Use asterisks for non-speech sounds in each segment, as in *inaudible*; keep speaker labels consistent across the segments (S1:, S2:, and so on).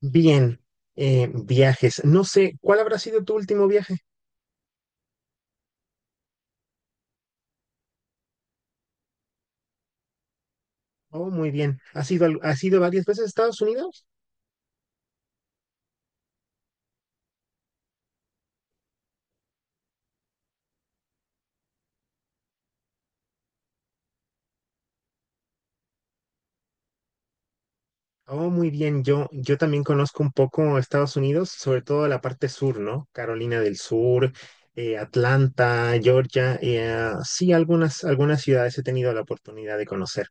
S1: Bien, viajes. No sé, ¿cuál habrá sido tu último viaje? Oh, muy bien. ¿Has ido, has ido varias veces a Estados Unidos? Oh, muy bien. Yo también conozco un poco Estados Unidos, sobre todo la parte sur, ¿no? Carolina del Sur, Atlanta, Georgia. Sí, algunas ciudades he tenido la oportunidad de conocer.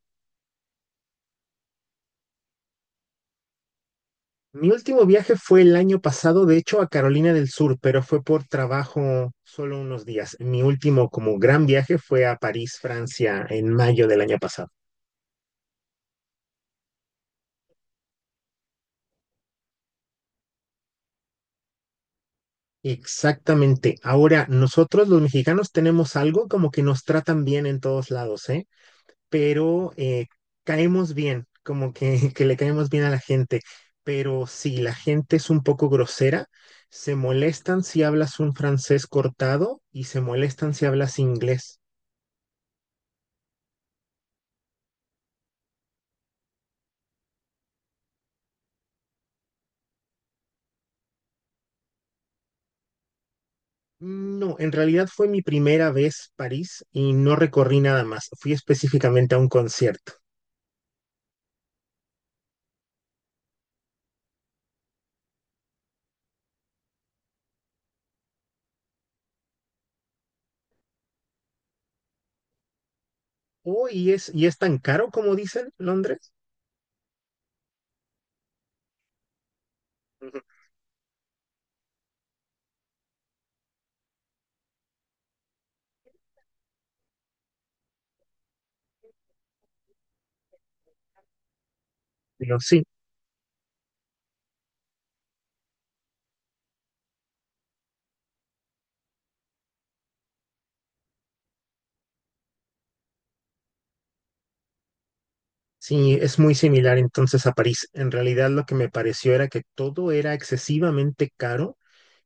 S1: Mi último viaje fue el año pasado, de hecho, a Carolina del Sur, pero fue por trabajo solo unos días. Mi último como gran viaje fue a París, Francia, en mayo del año pasado. Exactamente. Ahora, nosotros los mexicanos tenemos algo como que nos tratan bien en todos lados, ¿eh? Pero caemos bien, como que, *laughs* que le caemos bien a la gente. Pero si la gente es un poco grosera, se molestan si hablas un francés cortado y se molestan si hablas inglés. No, en realidad fue mi primera vez París y no recorrí nada más. Fui específicamente a un concierto. Oh, y es tan caro como dicen Londres. Ujú. Digo, sí. Sí, es muy similar entonces a París. En realidad lo que me pareció era que todo era excesivamente caro.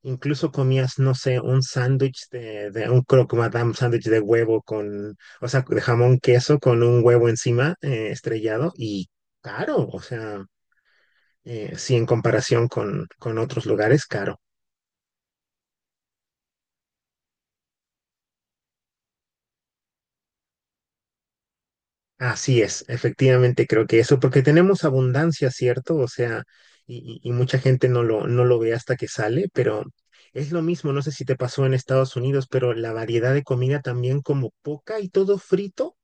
S1: Incluso comías, no sé, un sándwich de un croque madame, sándwich de huevo con, o sea, de jamón queso con un huevo encima estrellado y caro. O sea, sí, en comparación con otros lugares, caro. Así es, efectivamente creo que eso, porque tenemos abundancia, ¿cierto? O sea, y mucha gente no lo ve hasta que sale, pero es lo mismo, no sé si te pasó en Estados Unidos, pero la variedad de comida también como poca y todo frito.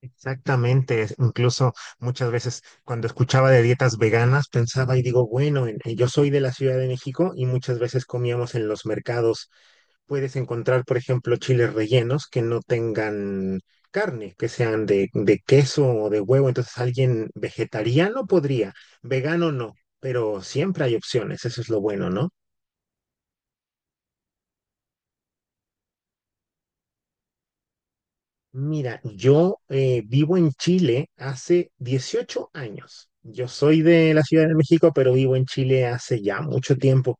S1: Exactamente, incluso muchas veces cuando escuchaba de dietas veganas pensaba y digo, bueno, yo soy de la Ciudad de México y muchas veces comíamos en los mercados. Puedes encontrar, por ejemplo, chiles rellenos que no tengan carne, que sean de queso o de huevo. Entonces, alguien vegetariano podría, vegano no, pero siempre hay opciones, eso es lo bueno, ¿no? Mira, yo vivo en Chile hace 18 años. Yo soy de la Ciudad de México, pero vivo en Chile hace ya mucho tiempo.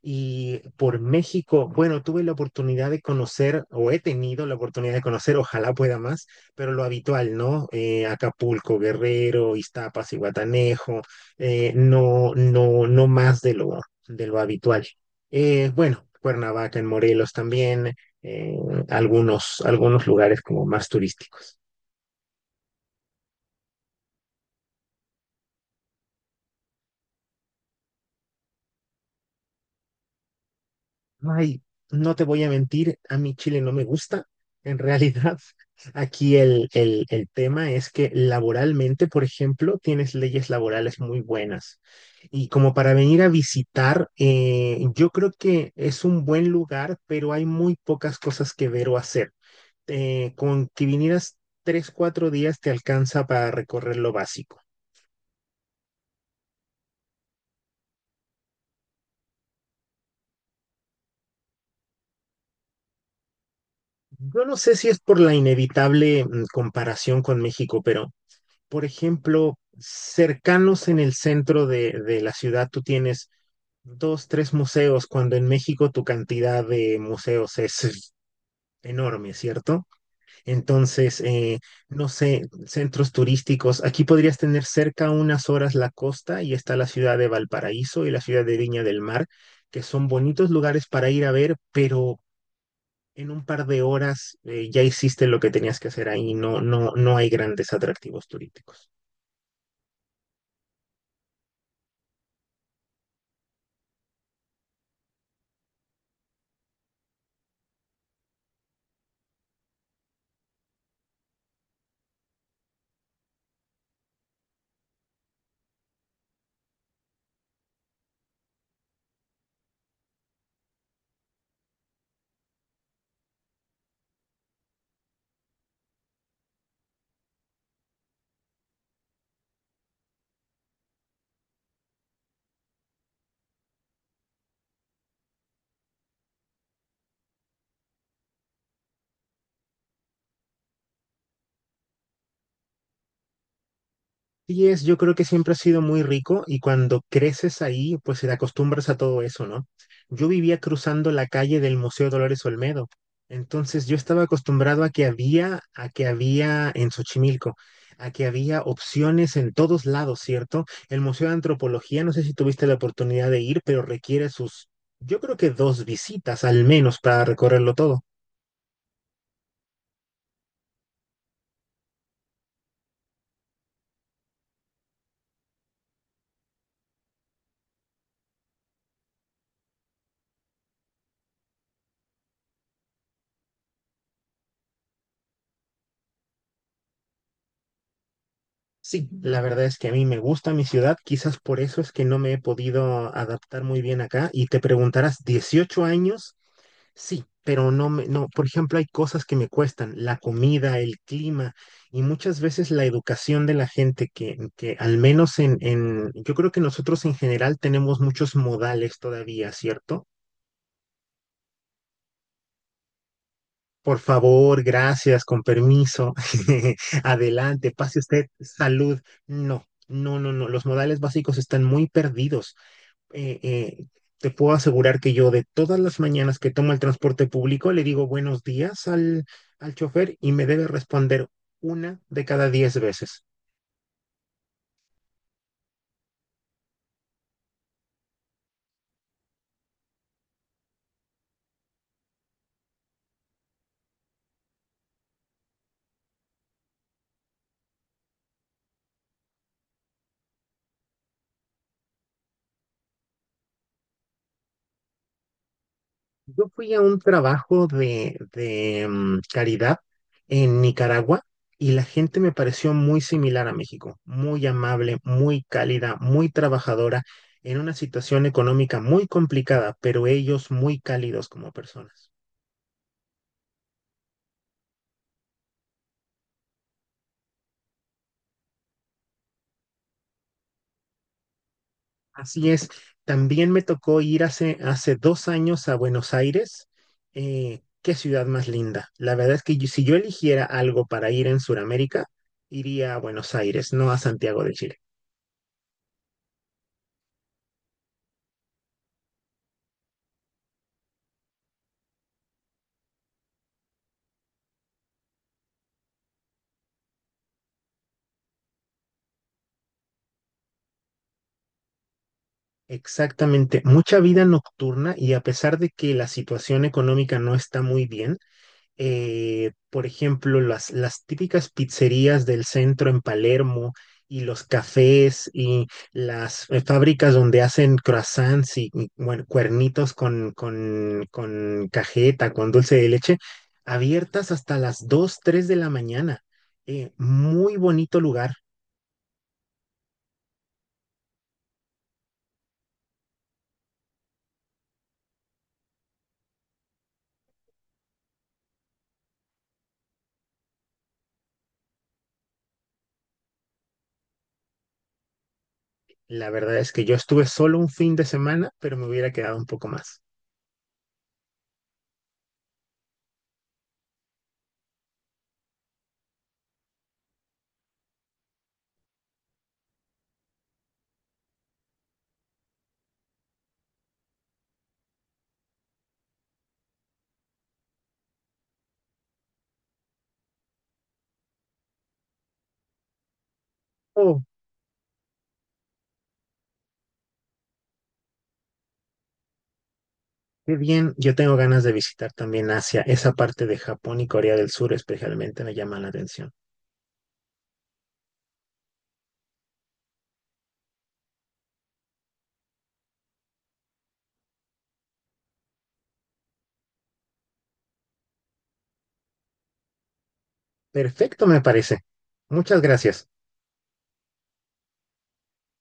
S1: Y por México, bueno, tuve la oportunidad de conocer, o he tenido la oportunidad de conocer, ojalá pueda más, pero lo habitual, ¿no? Acapulco, Guerrero, Iztapas, Iguatanejo, no, no, no más de lo habitual. Bueno, Cuernavaca en Morelos también, eh, algunos lugares como más turísticos. Ay, no te voy a mentir, a mí Chile no me gusta. En realidad, *laughs* aquí el tema es que laboralmente, por ejemplo, tienes leyes laborales muy buenas. Y como para venir a visitar, yo creo que es un buen lugar, pero hay muy pocas cosas que ver o hacer. Con que vinieras 3, 4 días te alcanza para recorrer lo básico. Yo no sé si es por la inevitable comparación con México, pero por ejemplo, cercanos en el centro de la ciudad, tú tienes dos, tres museos, cuando en México tu cantidad de museos es enorme, ¿cierto? Entonces, no sé, centros turísticos, aquí podrías tener cerca unas horas la costa y está la ciudad de Valparaíso y la ciudad de Viña del Mar, que son bonitos lugares para ir a ver, pero en un par de horas ya hiciste lo que tenías que hacer ahí, no, no, no hay grandes atractivos turísticos. Sí es, yo creo que siempre ha sido muy rico y cuando creces ahí, pues te acostumbras a todo eso, ¿no? Yo vivía cruzando la calle del Museo Dolores Olmedo, entonces yo estaba acostumbrado a que había en Xochimilco, a que había opciones en todos lados, ¿cierto? El Museo de Antropología, no sé si tuviste la oportunidad de ir, pero requiere sus, yo creo que dos visitas al menos para recorrerlo todo. Sí, la verdad es que a mí me gusta mi ciudad, quizás por eso es que no me he podido adaptar muy bien acá. Y te preguntarás, ¿18 años? Sí, pero no me, no, por ejemplo, hay cosas que me cuestan, la comida, el clima y muchas veces la educación de la gente que al menos en, yo creo que nosotros en general tenemos muchos modales todavía, ¿cierto? Por favor, gracias, con permiso, *laughs* adelante, pase usted, salud. No, no, no, no, los modales básicos están muy perdidos. eh, eh, Te puedo asegurar que yo de todas las mañanas que tomo el transporte público le digo buenos días al chofer y me debe responder una de cada 10 veces. Yo fui a un trabajo de caridad en Nicaragua y la gente me pareció muy similar a México, muy amable, muy cálida, muy trabajadora, en una situación económica muy complicada, pero ellos muy cálidos como personas. Así es, también me tocó ir hace 2 años a Buenos Aires. Qué ciudad más linda. La verdad es que si yo eligiera algo para ir en Sudamérica, iría a Buenos Aires, no a Santiago de Chile. Exactamente, mucha vida nocturna y a pesar de que la situación económica no está muy bien, por ejemplo, las típicas pizzerías del centro en Palermo y los cafés y las fábricas donde hacen croissants y, bueno, cuernitos con cajeta, con dulce de leche, abiertas hasta las 2 3 de la mañana. Muy bonito lugar. La verdad es que yo estuve solo un fin de semana, pero me hubiera quedado un poco más. Oh, qué bien, yo tengo ganas de visitar también Asia, esa parte de Japón y Corea del Sur especialmente me llama la atención. Perfecto, me parece. Muchas gracias.